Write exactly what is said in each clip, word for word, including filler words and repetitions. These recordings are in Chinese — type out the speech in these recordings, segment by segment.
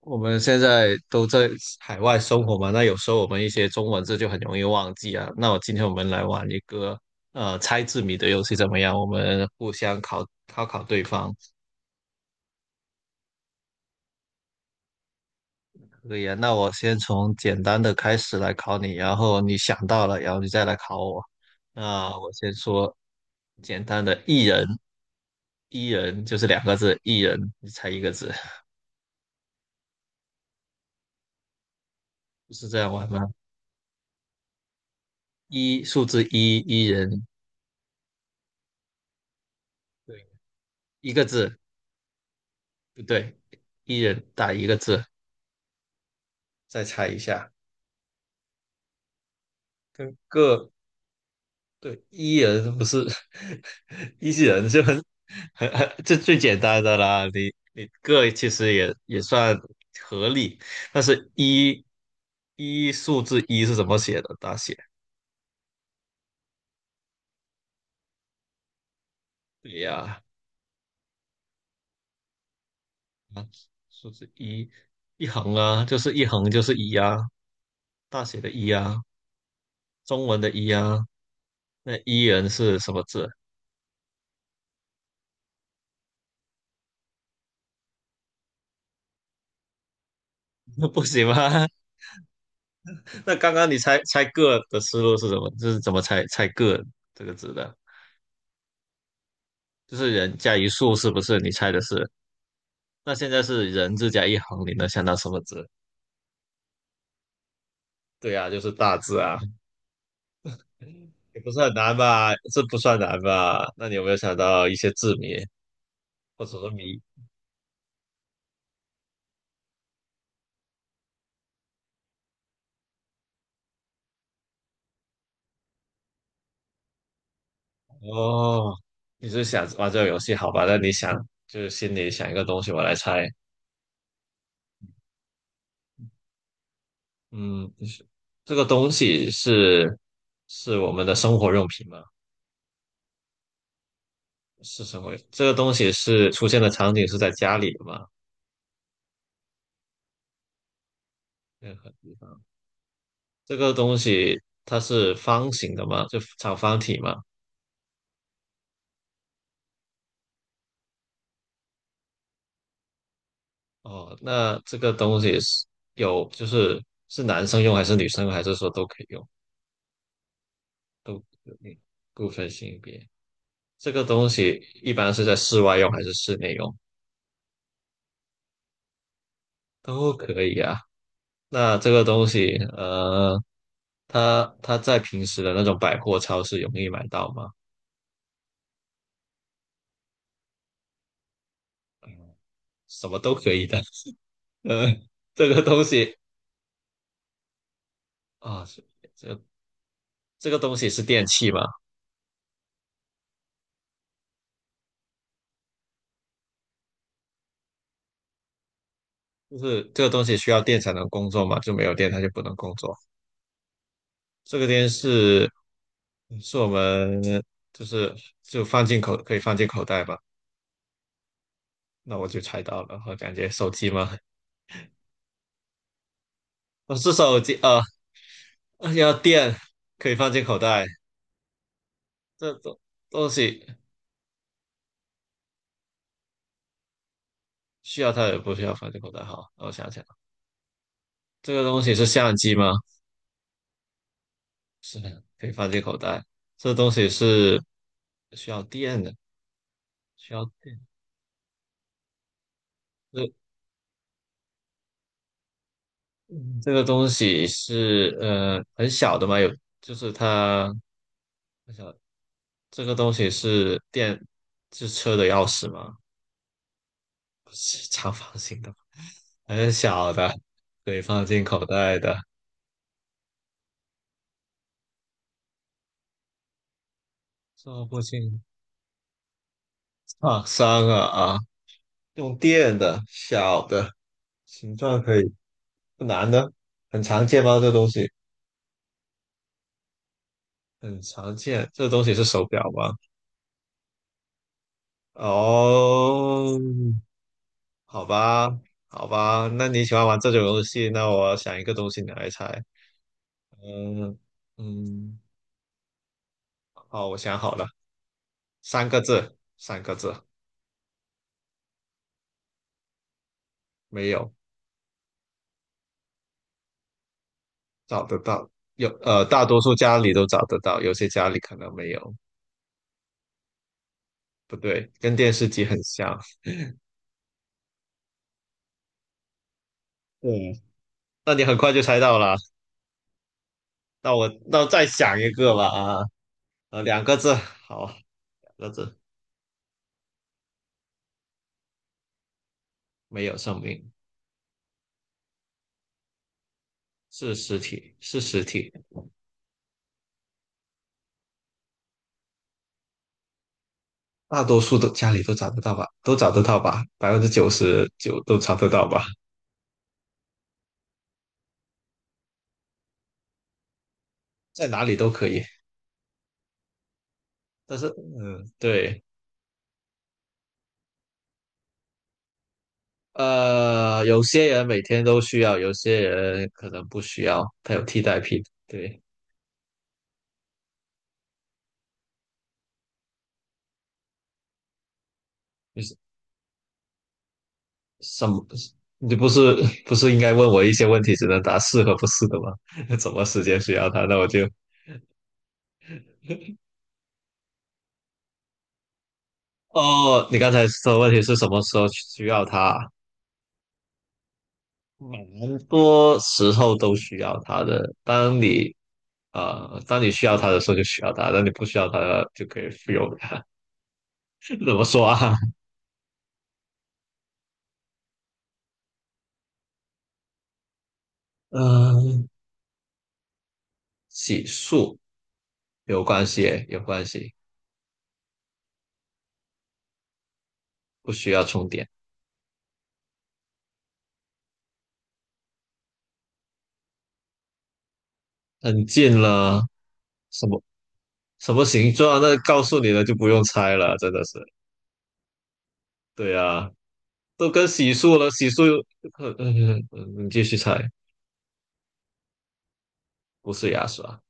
我们现在都在海外生活嘛，那有时候我们一些中文字就很容易忘记啊。那我今天我们来玩一个呃猜字谜的游戏怎么样？我们互相考考考对方，可以啊。那我先从简单的开始来考你，然后你想到了，然后你再来考我。那我先说简单的，一人，一人就是两个字，一人，你猜一个字，就是这样玩吗？一，数字一，一人，对，一个字，不对，一人打一个字。再猜一下，跟个对 E 人不是 E 人就很很很这最简单的啦，你你个其实也也算合理，但是一一数字一是怎么写的？大写对呀、啊，数字一一横啊，就是一横就是一啊，大写的一啊，中文的一啊，那一人是什么字？不行吗？那刚刚你猜猜个的思路是什么？就是怎么猜猜个这个字的？就是人加一竖，是不是？你猜的是？那现在是人字加一横，你能想到什么字？对啊，就是大字啊，也不是很难吧？这不算难吧？那你有没有想到一些字谜或者说谜？哦，你是想玩这个游戏好吧？那你想就是心里想一个东西，我来猜。嗯，这个东西是是我们的生活用品吗？是什么？这个东西是出现的场景是在家里的吗？任何地方。这个东西它是方形的吗？就长方体吗？哦，那这个东西是有，就是是男生用还是女生用，还是说都可以用，都不分性别？这个东西一般是在室外用还是室内用？都可以啊。那这个东西，呃，它它在平时的那种百货超市容易买到吗？什么都可以的，呃。这个东西啊，是这这个东西是电器嘛，就是这个东西需要电才能工作嘛，就没有电它就不能工作。这个电视是我们就是就放进口可以放进口袋吧？那我就猜到了，我感觉手机吗？哦是手机啊，呃要电可以放进口袋，这东东西需要它也不需要放进口袋。好，那我想想，这个东西是相机吗？是的，可以放进口袋。这东西是需要电的，需要电。这嗯这个东西是呃很小的嘛，有就是它很小。这个东西是电是车的钥匙吗？不是长方形的，很小的，可以放进口袋的，做不进放伤啊啊！用电的小的，形状可以不难的，很常见吗？这东西很常见，这东西是手表吗？哦，好吧，好吧，那你喜欢玩这种游戏，那我想一个东西你来猜。嗯嗯，好，我想好了，三个字，三个字，没有，找得到，有，呃，大多数家里都找得到，有些家里可能没有。不对，跟电视机很像。嗯，那你很快就猜到了。那我那我再想一个吧啊，呃，两个字，好，两个字，没有生命，是实体，是实体。大多数都家里都找得到吧，都找得到吧，百分之九十九都找得到吧，在哪里都可以。但是，嗯，对，呃，有些人每天都需要，有些人可能不需要，他有替代品。对，就是什么，你不是不是应该问我一些问题，只能答是和不是的吗？什么时间需要它？那我就，哦，你刚才说的问题是什么时候需要它？蛮多时候都需要它的。当你啊、当你需要它的时候就需要它，当你不需要它就可以不用它。怎么说啊？嗯、洗漱有关系，有关系，不需要充电。很近了，什么什么形状啊？那告诉你了就不用猜了，真的是。对啊，都跟洗漱了，洗漱又，呃嗯嗯，你继续猜，不是牙刷，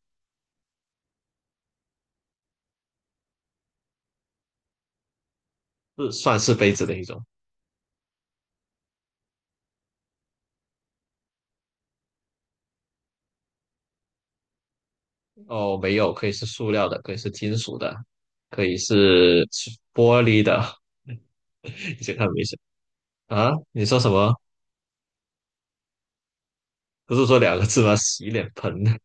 是算是杯子的一种。哦，没有，可以是塑料的，可以是金属的，可以是玻璃的。你先看没事啊，你说什么？不是说两个字吗？洗脸盆。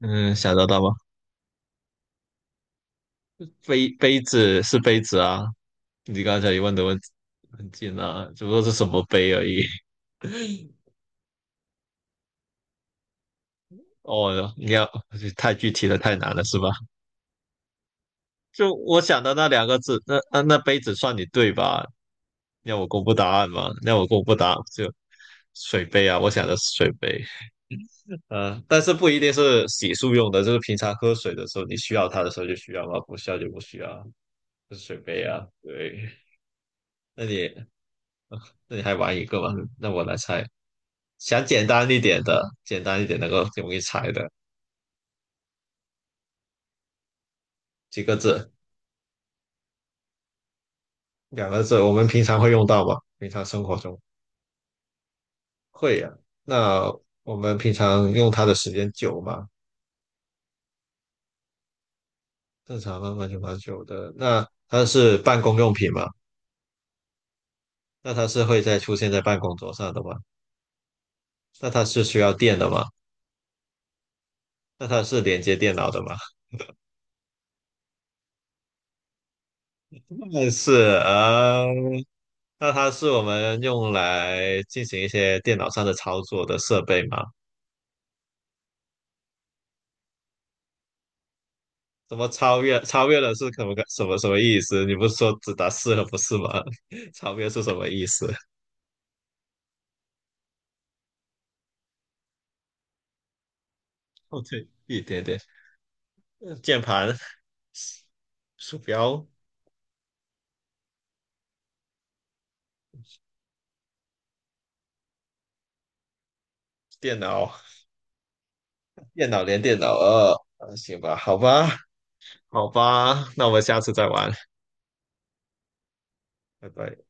嗯，想得到吗？杯杯子是杯子啊，你刚才一问的问题很近啊，只不过是什么杯而已。哦，你要太具体了，太难了，是吧？就我想的那两个字，那那那杯子算你对吧？要我公布答案吗？要我公布答案就水杯啊，我想的是水杯。呃，但是不一定是洗漱用的，就是平常喝水的时候，你需要它的时候就需要嘛，不需要就不需要。水杯啊，对。那你那你还玩一个吗？那我来猜，想简单一点的，简单一点能够容易猜的，几个字，两个字，我们平常会用到吗？平常生活中会呀、那我们平常用它的时间久吗？正常慢慢久蛮久的。那它是办公用品吗？那它是会在出现在办公桌上的吗？那它是需要电的吗？那它是连接电脑的吗？那是啊，那它是我们用来进行一些电脑上的操作的设备吗？怎么超越超越了是可不可什么什么意思？你不是说只打四了不是吗？超越是什么意思？哦，对，一点点，呃键盘、鼠标、电脑、电脑连电脑二，呃行吧，好吧，好吧，那我们下次再玩，拜拜。